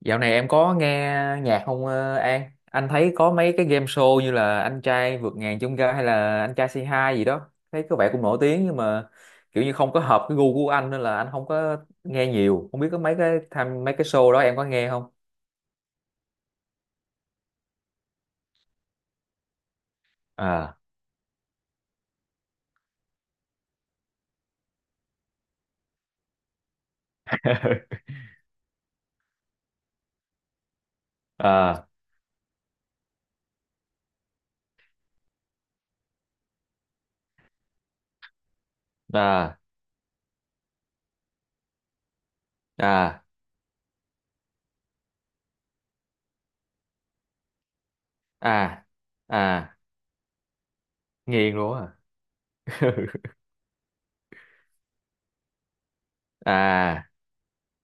Dạo này em có nghe nhạc không An? Anh thấy có mấy cái game show như là Anh trai vượt ngàn chông gai hay là Anh trai C2 gì đó. Thấy có vẻ cũng nổi tiếng nhưng mà kiểu như không có hợp cái gu của anh nên là anh không có nghe nhiều. Không biết có mấy cái mấy cái show đó em có nghe không? À. À. À. À. À. À. Nghiền luôn á.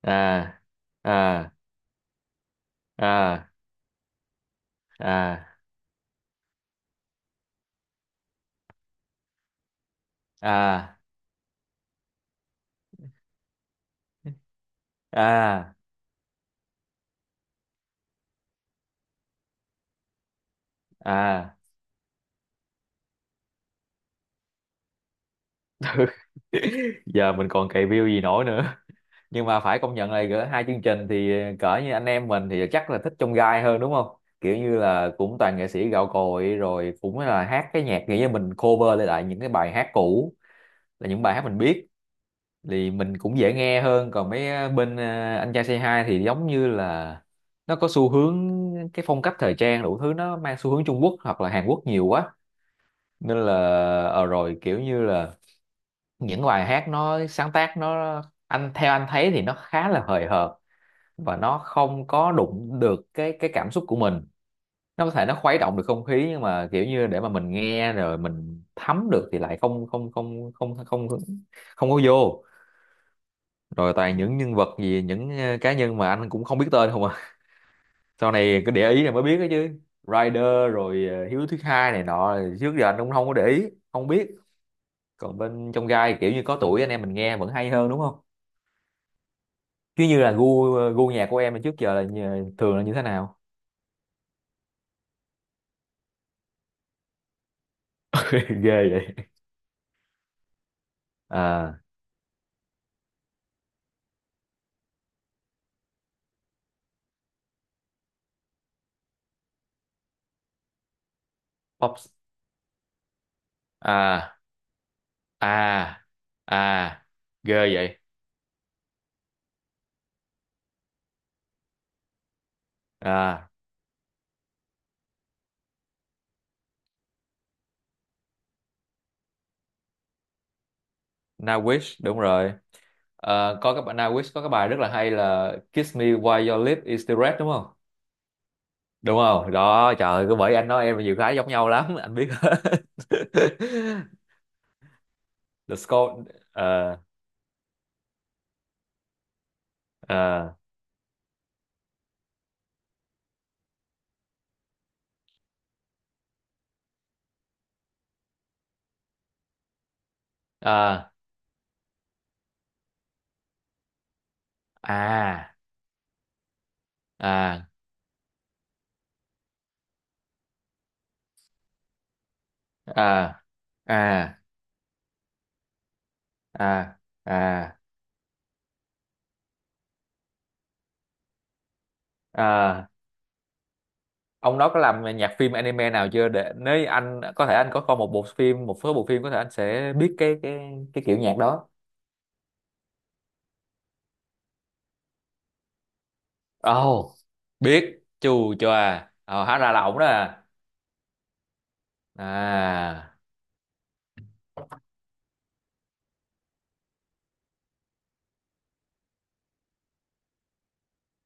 À. À. À. À. À. À. À. Giờ mình còn cày view gì nổi nữa? Nhưng mà phải công nhận là gỡ hai chương trình thì cỡ như anh em mình thì chắc là thích trong gai hơn, đúng không? Kiểu như là cũng toàn nghệ sĩ gạo cội rồi, cũng là hát cái nhạc, nghĩa là mình cover lại lại những cái bài hát cũ, là những bài hát mình biết thì mình cũng dễ nghe hơn. Còn mấy bên anh trai Say hai thì giống như là nó có xu hướng, cái phong cách thời trang đủ thứ nó mang xu hướng Trung Quốc hoặc là Hàn Quốc nhiều quá. Nên là rồi kiểu như là những bài hát nó sáng tác nó, anh theo anh thấy thì nó khá là hời hợt và nó không có đụng được cái cảm xúc của mình. Nó có thể nó khuấy động được không khí nhưng mà kiểu như để mà mình nghe rồi mình thấm được thì lại không có vô. Rồi toàn những nhân vật gì, những cá nhân mà anh cũng không biết tên không à, sau này cứ để ý này mới biết đó chứ. Rider rồi Hiếu thứ hai này nọ trước giờ anh cũng không có để ý, không biết. Còn bên trong gai kiểu như có tuổi anh em mình nghe vẫn hay hơn, đúng không? Chứ như là gu gu nhạc của em là trước giờ là thường là như thế nào? Ghê vậy. À. Pop. À. À. À. Ghê vậy. À. Nowitch, đúng rồi. Có các bạn Nowitch có cái bài rất là hay là Kiss me while your lip is still red, đúng không? Đúng không đó, trời ơi, cứ bởi anh nói em nhiều cái giống nhau lắm, anh biết hết. The score. Ờ. Ờ. Ờ. À. À. À. À. À. À. À. Ông đó có làm nhạc phim anime nào chưa, để nếu anh có thể anh có coi một bộ phim, một số bộ phim có thể anh sẽ biết cái cái kiểu nhạc đó. Ồ, biết chù chòa, hóa ra là ổng đó à. À.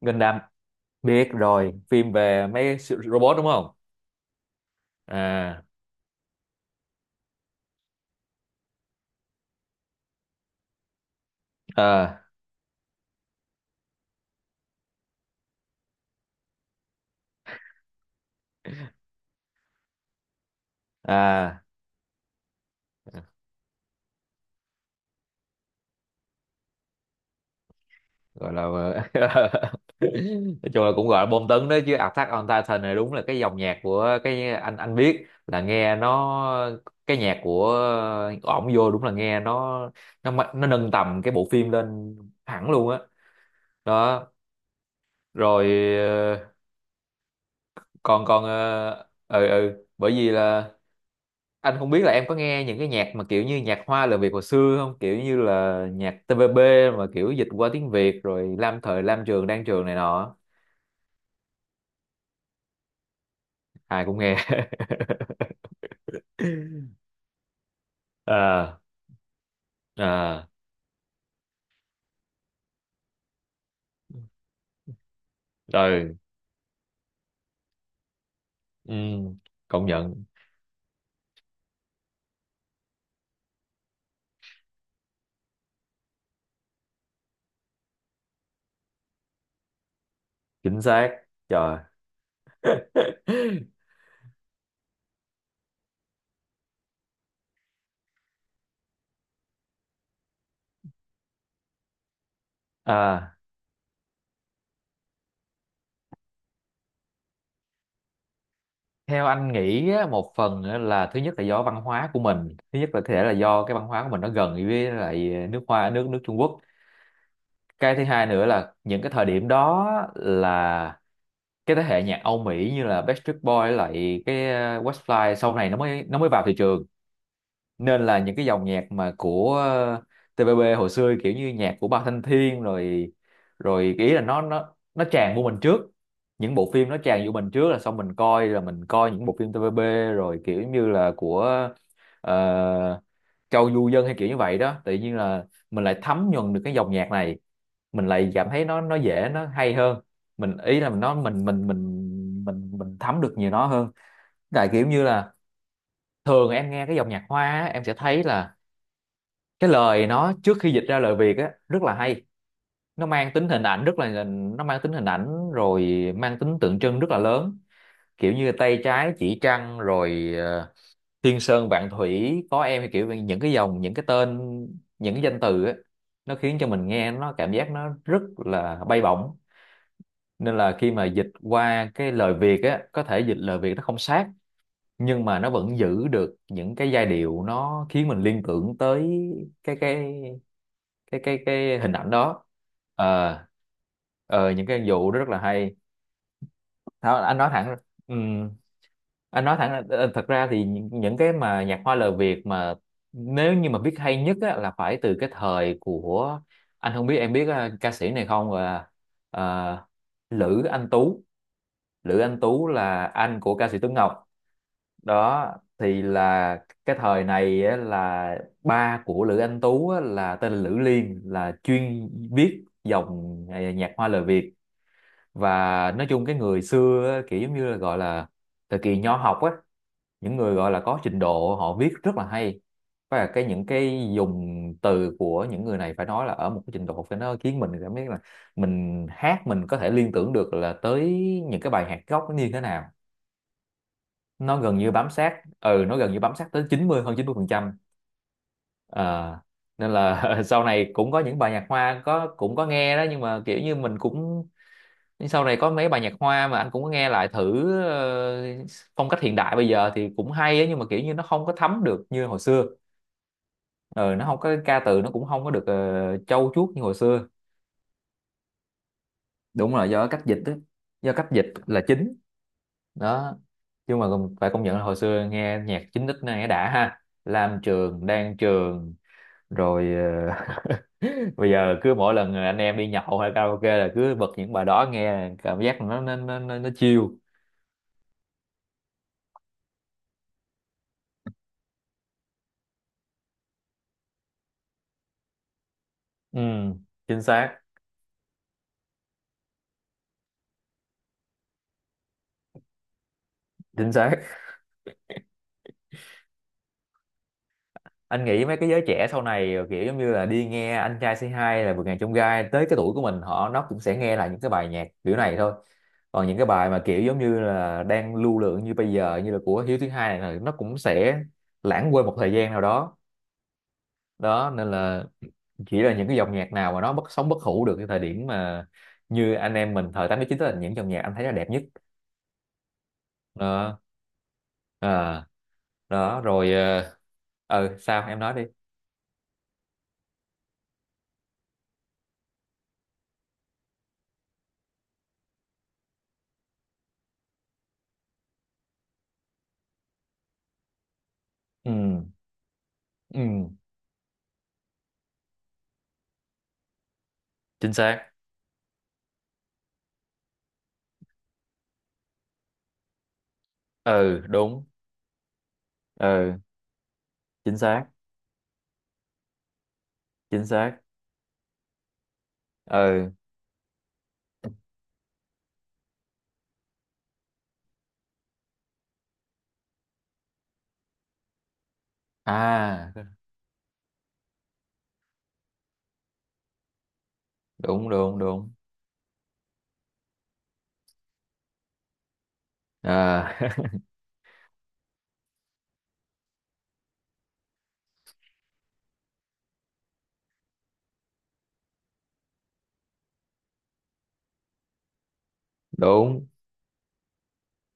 Gundam, biết rồi, phim về mấy robot đúng không. À. À. À. Gọi là nói chung là cũng gọi là bom tấn đó chứ. Attack on Titan này đúng là cái dòng nhạc của cái, anh biết là nghe nó, cái nhạc của ổng vô đúng là nghe nó nâng tầm cái bộ phim lên hẳn luôn á. Đó. Rồi ờ, còn còn ừ bởi vì là anh không biết là em có nghe những cái nhạc mà kiểu như nhạc hoa lời Việt hồi xưa không, kiểu như là nhạc TVB mà kiểu dịch qua tiếng Việt rồi Lam Trường, Đan Trường này nọ, ai cũng nghe. À. À. Ừ. Ừ. Công nhận. Chính xác. Trời. À, theo anh nghĩ á, một phần á là thứ nhất là do văn hóa của mình, thứ nhất là có thể là do cái văn hóa của mình nó gần với lại nước Hoa, nước nước Trung Quốc. Cái thứ hai nữa là những cái thời điểm đó là cái thế hệ nhạc Âu Mỹ như là Backstreet Boys lại cái Westlife sau này nó mới vào thị trường. Nên là những cái dòng nhạc mà của TPB hồi xưa, kiểu như nhạc của Ba Thanh Thiên rồi rồi cái ý là nó nó tràn vô mình trước, những bộ phim nó tràn vô mình trước, là xong mình coi, những bộ phim TPB rồi kiểu như là của ờ, Châu Du Dân hay kiểu như vậy đó, tự nhiên là mình lại thấm nhuần được cái dòng nhạc này, mình lại cảm thấy nó dễ, nó hay hơn, mình ý là mình nó mình thấm được nhiều nó hơn. Tại kiểu như là thường em nghe cái dòng nhạc hoa á, em sẽ thấy là cái lời nó trước khi dịch ra lời Việt á rất là hay, nó mang tính hình ảnh rồi, mang tính tượng trưng rất là lớn, kiểu như tay trái chỉ trăng rồi thiên sơn vạn thủy có em, thì kiểu như những cái dòng, những cái tên, những cái danh từ á, nó khiến cho mình nghe nó, cảm giác nó rất là bay bổng. Nên là khi mà dịch qua cái lời Việt á, có thể dịch lời Việt nó không sát nhưng mà nó vẫn giữ được những cái giai điệu, nó khiến mình liên tưởng tới cái hình ảnh đó. ờ những cái vụ đó rất là hay. Thôi, anh nói thẳng. ừm, Thật ra thì những cái mà nhạc hoa lời Việt mà, nếu như mà biết hay nhất á, là phải từ cái thời của, anh không biết em biết ca sĩ này không, là ờ, Lữ Anh Tú. Lữ Anh Tú là anh của ca sĩ Tuấn Ngọc đó. Thì là cái thời này á, là ba của Lữ Anh Tú á, là tên là Lữ Liên, là chuyên viết dòng nhạc hoa lời Việt. Và nói chung cái người xưa á, kiểu giống như là gọi là thời kỳ nho học á, những người gọi là có trình độ họ viết rất là hay. Và cái những cái dùng từ của những người này phải nói là ở một cái trình độ, phải, nó khiến mình cảm thấy là mình hát mình có thể liên tưởng được là tới những cái bài hát gốc nó như thế nào. Nó gần như bám sát tới 90, hơn 90%. à, Nên là sau này cũng có những bài nhạc hoa có cũng có nghe đó, nhưng mà kiểu như mình cũng, sau này có mấy bài nhạc hoa mà anh cũng có nghe lại thử, phong cách hiện đại bây giờ thì cũng hay á, nhưng mà kiểu như nó không có thấm được như hồi xưa. Ừ, nó không có ca từ, nó cũng không có được trau chuốt như hồi xưa. Đúng là do cách dịch á, do cách dịch là chính. Đó. Nhưng mà phải công nhận là hồi xưa nghe nhạc 9x này đã ha, Lam Trường, Đan Trường. Rồi ờ, bây giờ cứ mỗi lần anh em đi nhậu hay karaoke là cứ bật những bài đó nghe, cảm giác nó chill. Ừ. Chính xác. Chính xác. Anh nghĩ mấy cái giới trẻ sau này kiểu giống như là đi nghe anh trai C2 là vượt ngàn chông gai, tới cái tuổi của mình họ, nó cũng sẽ nghe lại những cái bài nhạc kiểu này thôi. Còn những cái bài mà kiểu giống như là đang lưu lượng như bây giờ như là của Hiếu thứ hai này, là nó cũng sẽ lãng quên một thời gian nào đó. Đó, nên là chỉ là những cái dòng nhạc nào mà nó bất sống, bất hủ được cái thời điểm mà như anh em mình thời 89 là những dòng nhạc anh thấy là đẹp nhất. Đó. À. Đó. Rồi. Ừ, sao em nói đi. Ừ. Ừ. Chính xác. Ừ. Đúng. Ừ. Chính xác. Chính xác. Ừ. À. Đúng, đúng, đúng. À. Đúng.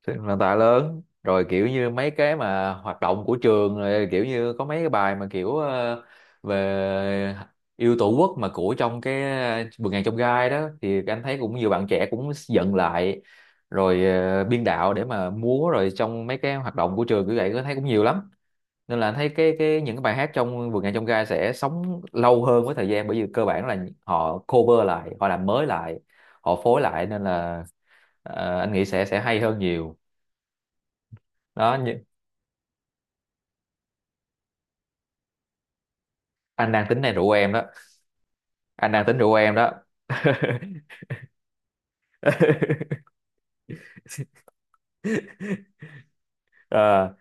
Thì nền tảng lớn rồi, kiểu như mấy cái mà hoạt động của trường rồi, kiểu như có mấy cái bài mà kiểu về yêu tổ quốc mà của trong cái vườn ngàn trong gai đó, thì anh thấy cũng nhiều bạn trẻ cũng dựng lại rồi, biên đạo để mà múa rồi, trong mấy cái hoạt động của trường như vậy có thấy cũng nhiều lắm. Nên là anh thấy cái những cái bài hát trong vườn ngàn trong gai sẽ sống lâu hơn với thời gian, bởi vì cơ bản là họ cover lại, họ làm mới lại, họ phối lại, nên là anh nghĩ sẽ hay hơn nhiều. Đó, anh đang tính này rủ em đó, anh đang tính rủ em đó. Ờ.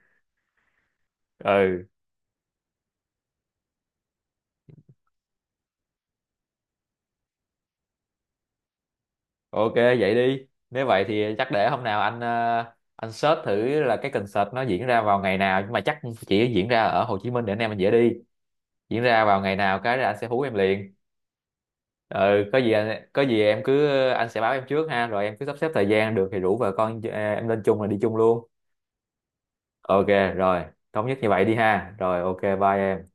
Ừ. Ok, vậy đi, nếu vậy thì chắc để hôm nào anh anh search thử là cái concert nó diễn ra vào ngày nào, nhưng mà chắc chỉ diễn ra ở Hồ Chí Minh để anh em mình dễ đi. Diễn ra vào ngày nào cái là anh sẽ hú em liền. Ừ, có gì anh, có gì em cứ, anh sẽ báo em trước ha, rồi em cứ sắp xếp thời gian được thì rủ vợ con em lên chung là đi chung luôn. Ok, rồi thống nhất như vậy đi ha, rồi ok, bye em.